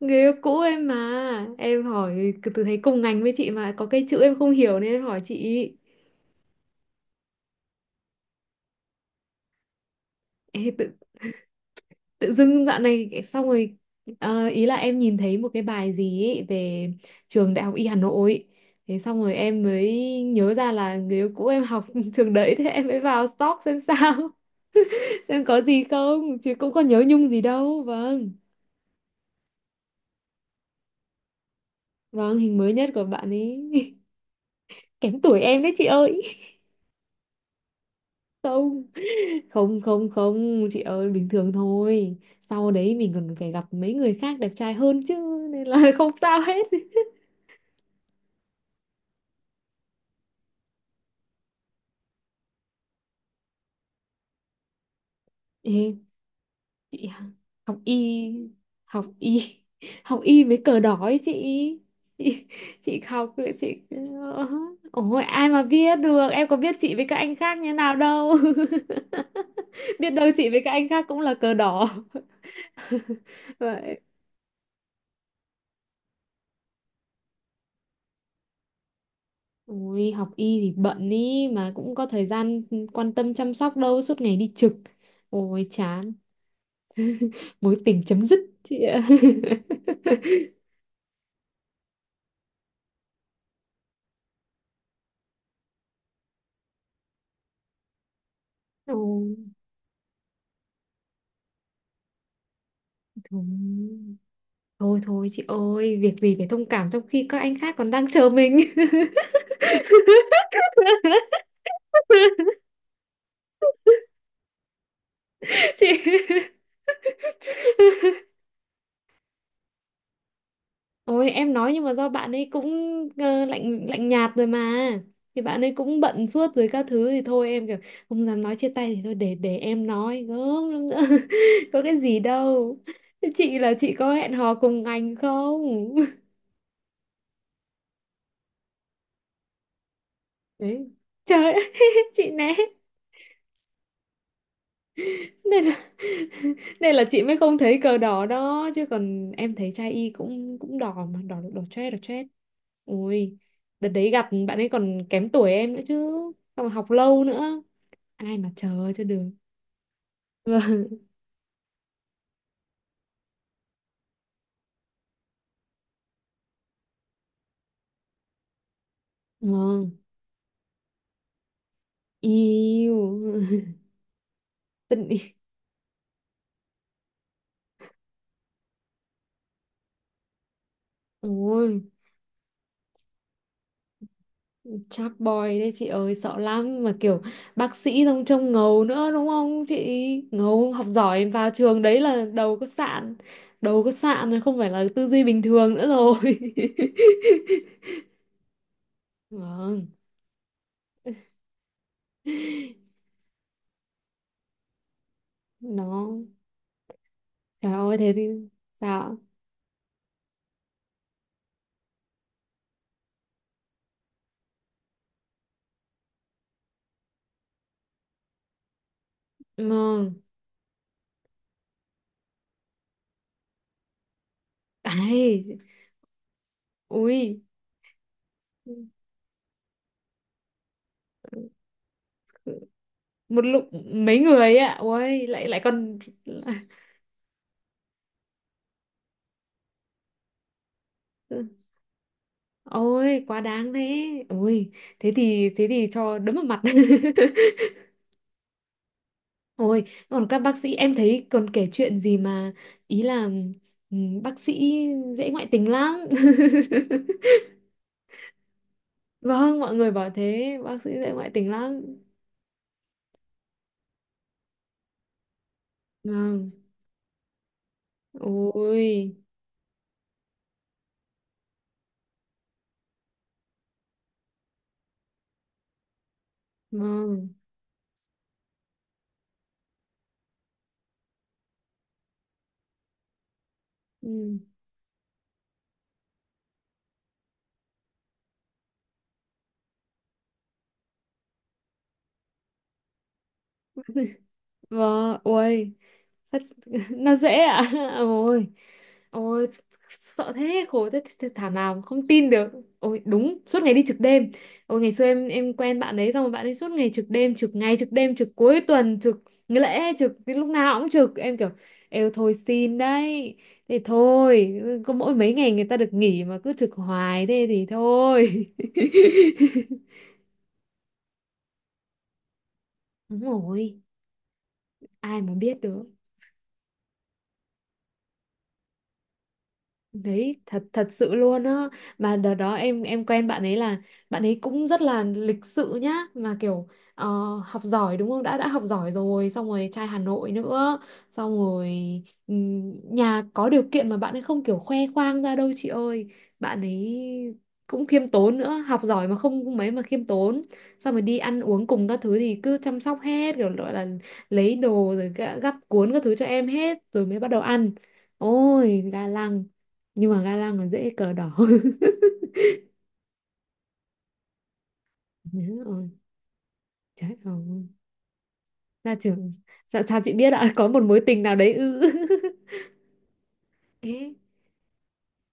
Người yêu cũ em mà. Em hỏi từ thấy cùng ngành với chị mà có cái chữ em không hiểu nên em hỏi chị. Ê, tự dưng dạo này xong rồi, ý là em nhìn thấy một cái bài gì ấy về trường Đại học Y Hà Nội, thế xong rồi em mới nhớ ra là người yêu cũ em học trường đấy, thế em mới vào stalk xem sao. Xem có gì không chứ cũng có nhớ nhung gì đâu. Vâng. Vâng, hình mới nhất của bạn ấy. Kém tuổi em đấy chị ơi. Không, không, không, không chị ơi, bình thường thôi. Sau đấy mình còn phải gặp mấy người khác đẹp trai hơn chứ, nên là không sao hết. Ê, chị! Học y, học y, học y với cờ đỏ ấy chị chị học chị. Ôi ai mà biết được, em có biết chị với các anh khác như nào đâu. Biết đâu chị với các anh khác cũng là cờ đỏ vậy. Ôi, học y thì bận ý mà, cũng có thời gian quan tâm chăm sóc đâu, suốt ngày đi trực. Ôi chán, mối tình chấm dứt chị ạ. Ôi, thôi. Thôi thôi chị ơi, việc gì phải thông cảm trong khi các anh khác còn đang chờ mình. Chị. Ôi em nói, nhưng mà do bạn ấy cũng lạnh lạnh nhạt rồi mà, thì bạn ấy cũng bận suốt rồi các thứ, thì thôi em kiểu không dám nói chia tay, thì thôi để em nói gớm lắm nữa có cái gì đâu. Thế chị, là chị có hẹn hò cùng anh không? Đấy trời ơi, chị né, nên là nên là chị mới không thấy cờ đỏ đó chứ, còn em thấy trai y cũng cũng đỏ mà đỏ đỏ chét, đỏ chét. Ui, đợt đấy gặp bạn ấy còn kém tuổi em nữa chứ, xong rồi học lâu nữa, ai mà chờ cho được. Vâng, vâng. Yêu, tình yêu. Ôi chat boy đấy chị ơi, sợ lắm mà kiểu bác sĩ xong trông ngầu nữa đúng không chị? Ngầu học giỏi vào trường đấy là đầu có sạn. Đầu có sạn rồi, không phải là tư duy bình thường nữa rồi. Vâng. Nó. Trời ơi thế thì sao? Vâng. Ai. Ui một lúc mấy người ấy ạ. Ôi lại lại còn. Ôi quá đáng thế. Ôi thế thì cho đấm vào mặt. Ôi. Còn các bác sĩ em thấy còn kể chuyện gì mà, ý là, ừ, bác sĩ dễ ngoại tình lắm. Vâng, mọi người bảo thế, bác sĩ dễ ngoại tình lắm. Vâng. Ôi. Vâng. Ừ. Vâng, ôi, thật- nó dễ ạ. Ôi, ôi, sợ thế, khổ thế, thế thảm nào, mà không tin được. Ôi, đúng, suốt ngày đi trực đêm. Ôi, ngày xưa em quen bạn đấy, xong rồi bạn ấy suốt ngày trực đêm, trực ngày, trực đêm, trực cuối tuần, trực nghỉ lễ, trực, cái lúc nào cũng trực. Em kiểu, êu thôi xin đấy, thế thôi, có mỗi mấy ngày người ta được nghỉ mà cứ trực hoài thế thì thôi. Đúng rồi, ai mà biết được. Đấy, thật thật sự luôn á, mà đợt đó em quen bạn ấy là bạn ấy cũng rất là lịch sự nhá, mà kiểu ờ, học giỏi đúng không, đã học giỏi rồi xong rồi trai Hà Nội nữa, xong rồi nhà có điều kiện mà bạn ấy không kiểu khoe khoang ra đâu chị ơi, bạn ấy cũng khiêm tốn nữa, học giỏi mà không không mấy mà khiêm tốn, xong rồi đi ăn uống cùng các thứ thì cứ chăm sóc hết, kiểu gọi là lấy đồ, rồi gắp cuốn các thứ cho em hết rồi mới bắt đầu ăn. Ôi gà lăng, nhưng mà ga lăng còn dễ cờ đỏ. Ôi, trời ơi ra trường. Sao chị biết ạ? Có một mối tình nào đấy ư? Ê,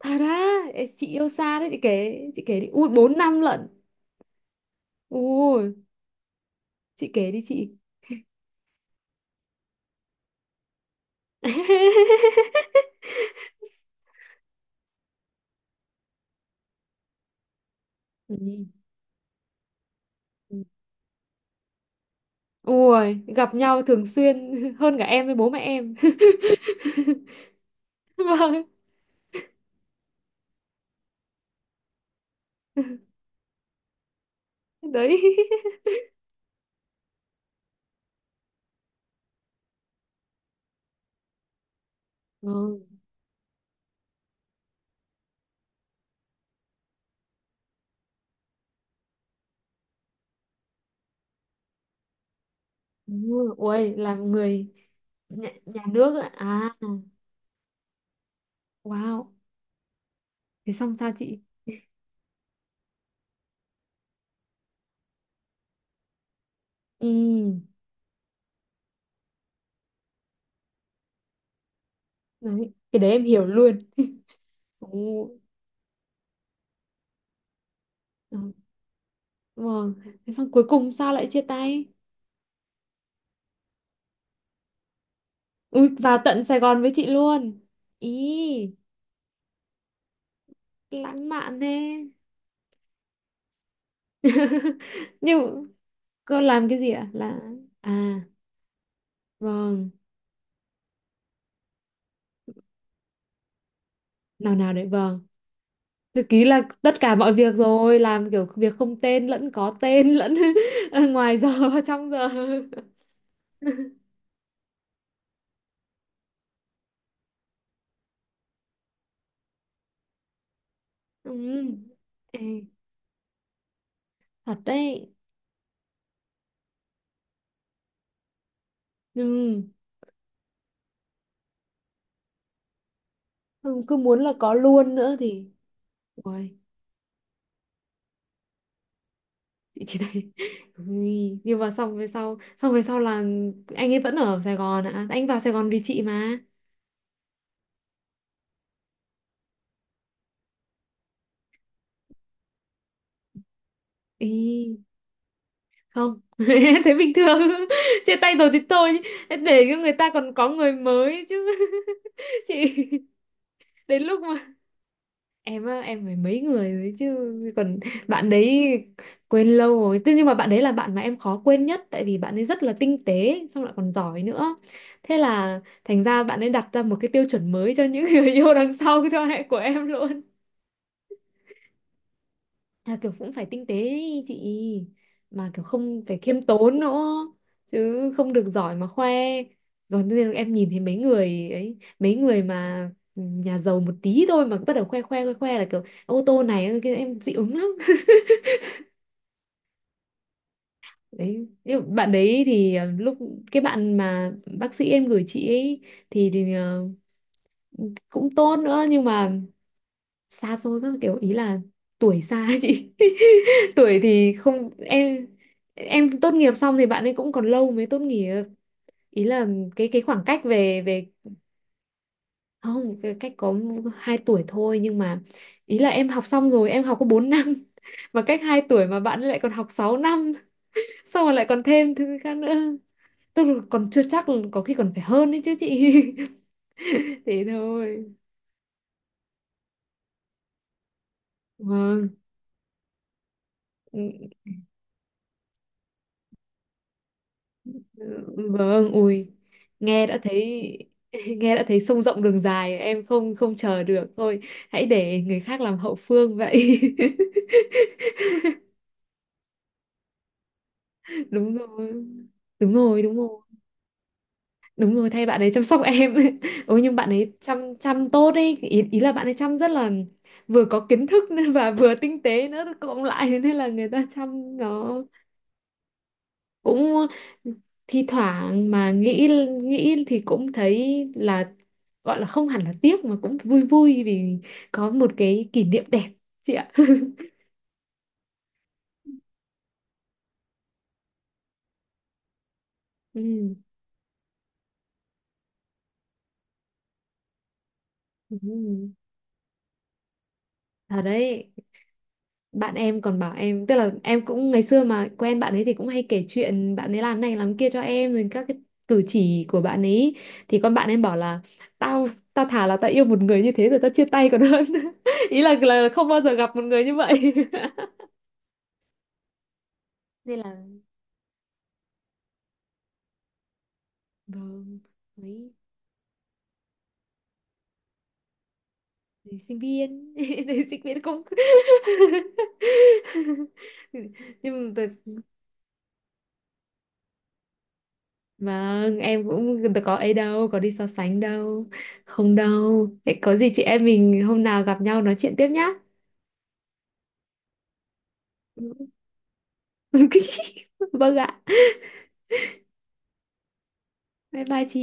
thật á? Ê, chị yêu xa đấy, chị kể đi. Ui 4 năm lận. Ui chị kể đi chị. Ừ. Ừ. Ui gặp nhau thường xuyên hơn cả em với bố mẹ em. Vâng. Đấy. Ừ. Ừ, ui làm người nhà nước ạ. À. Wow. Thế xong sao chị? Ừ, đấy. Cái đấy em hiểu luôn. Ồ. Ừ. Vâng. Thế xong cuối cùng sao lại chia tay? Ui, vào tận Sài Gòn với chị luôn. Ý, lãng mạn thế. Nhưng cô làm cái gì ạ? Là à, vâng, nào nào đấy vâng. Thực ký là tất cả mọi việc rồi, làm kiểu việc không tên lẫn có tên lẫn ở ngoài giờ và trong giờ. Ừ. Ê, thật đấy. Ừ. Không, cứ muốn là có luôn nữa thì. Uầy, chị chỉ thấy. Ui, nhưng mà xong về sau là anh ấy vẫn ở Sài Gòn ạ. Anh vào Sài Gòn vì chị mà, ý không. Thế bình thường. Chia tay rồi thì thôi, để cho người ta còn có người mới chứ. Chị. Đến lúc em á em phải mấy người rồi chứ. Còn bạn đấy quên lâu rồi, thế nhưng mà bạn đấy là bạn mà em khó quên nhất, tại vì bạn ấy rất là tinh tế xong lại còn giỏi nữa, thế là thành ra bạn ấy đặt ra một cái tiêu chuẩn mới cho những người yêu đằng sau cho hệ của em luôn, là kiểu cũng phải tinh tế ý chị, mà kiểu không phải khiêm tốn nữa, chứ không được giỏi mà khoe. Còn nên em nhìn thấy mấy người ấy, mấy người mà nhà giàu một tí thôi mà bắt đầu khoe khoe khoe khoe, là kiểu ô tô này, cái em dị ứng lắm. Đấy, nhưng mà bạn đấy thì lúc cái bạn mà bác sĩ em gửi chị ấy, thì cũng tốt nữa, nhưng mà xa xôi các kiểu, ý là tuổi xa ấy chị. Tuổi thì không em. Em tốt nghiệp xong thì bạn ấy cũng còn lâu mới tốt nghiệp, ý là cái khoảng cách về về không, cái cách có 2 tuổi thôi, nhưng mà ý là em học xong rồi, em học có 4 năm, mà cách 2 tuổi mà bạn ấy lại còn học 6 năm, xong rồi lại còn thêm thứ khác nữa, tức là còn chưa chắc, có khi còn phải hơn đấy chứ chị. Thế thôi. Vâng. Vâng. Ui nghe đã thấy nghe đã thấy sông rộng đường dài, em không không chờ được thôi, hãy để người khác làm hậu phương vậy. Đúng rồi, đúng rồi, đúng rồi, đúng rồi thay bạn ấy chăm sóc em. Ôi nhưng bạn ấy chăm chăm tốt ấy, ý là bạn ấy chăm rất là, vừa có kiến thức nên và vừa tinh tế nữa cộng lại nên là người ta chăm nó cũng, thi thoảng mà nghĩ nghĩ thì cũng thấy là, gọi là không hẳn là tiếc mà cũng vui vui, vì có một cái kỷ niệm đẹp chị ạ. Ừ. Ừ. Thật đấy, bạn em còn bảo em, tức là em cũng ngày xưa mà quen bạn ấy thì cũng hay kể chuyện bạn ấy làm này làm kia cho em rồi các cái cử chỉ của bạn ấy, thì con bạn em bảo là tao tao thà là tao yêu một người như thế rồi tao chia tay còn hơn, ý là không bao giờ gặp một người như vậy. Nên là vâng, đấy thì sinh viên. Thì sinh viên không. Nhưng mà vâng em cũng tôi có ấy đâu, có đi so sánh đâu, không đâu. Thế có gì chị em mình hôm nào gặp nhau nói chuyện tiếp nhá. Vâng ạ. Bye bye chị.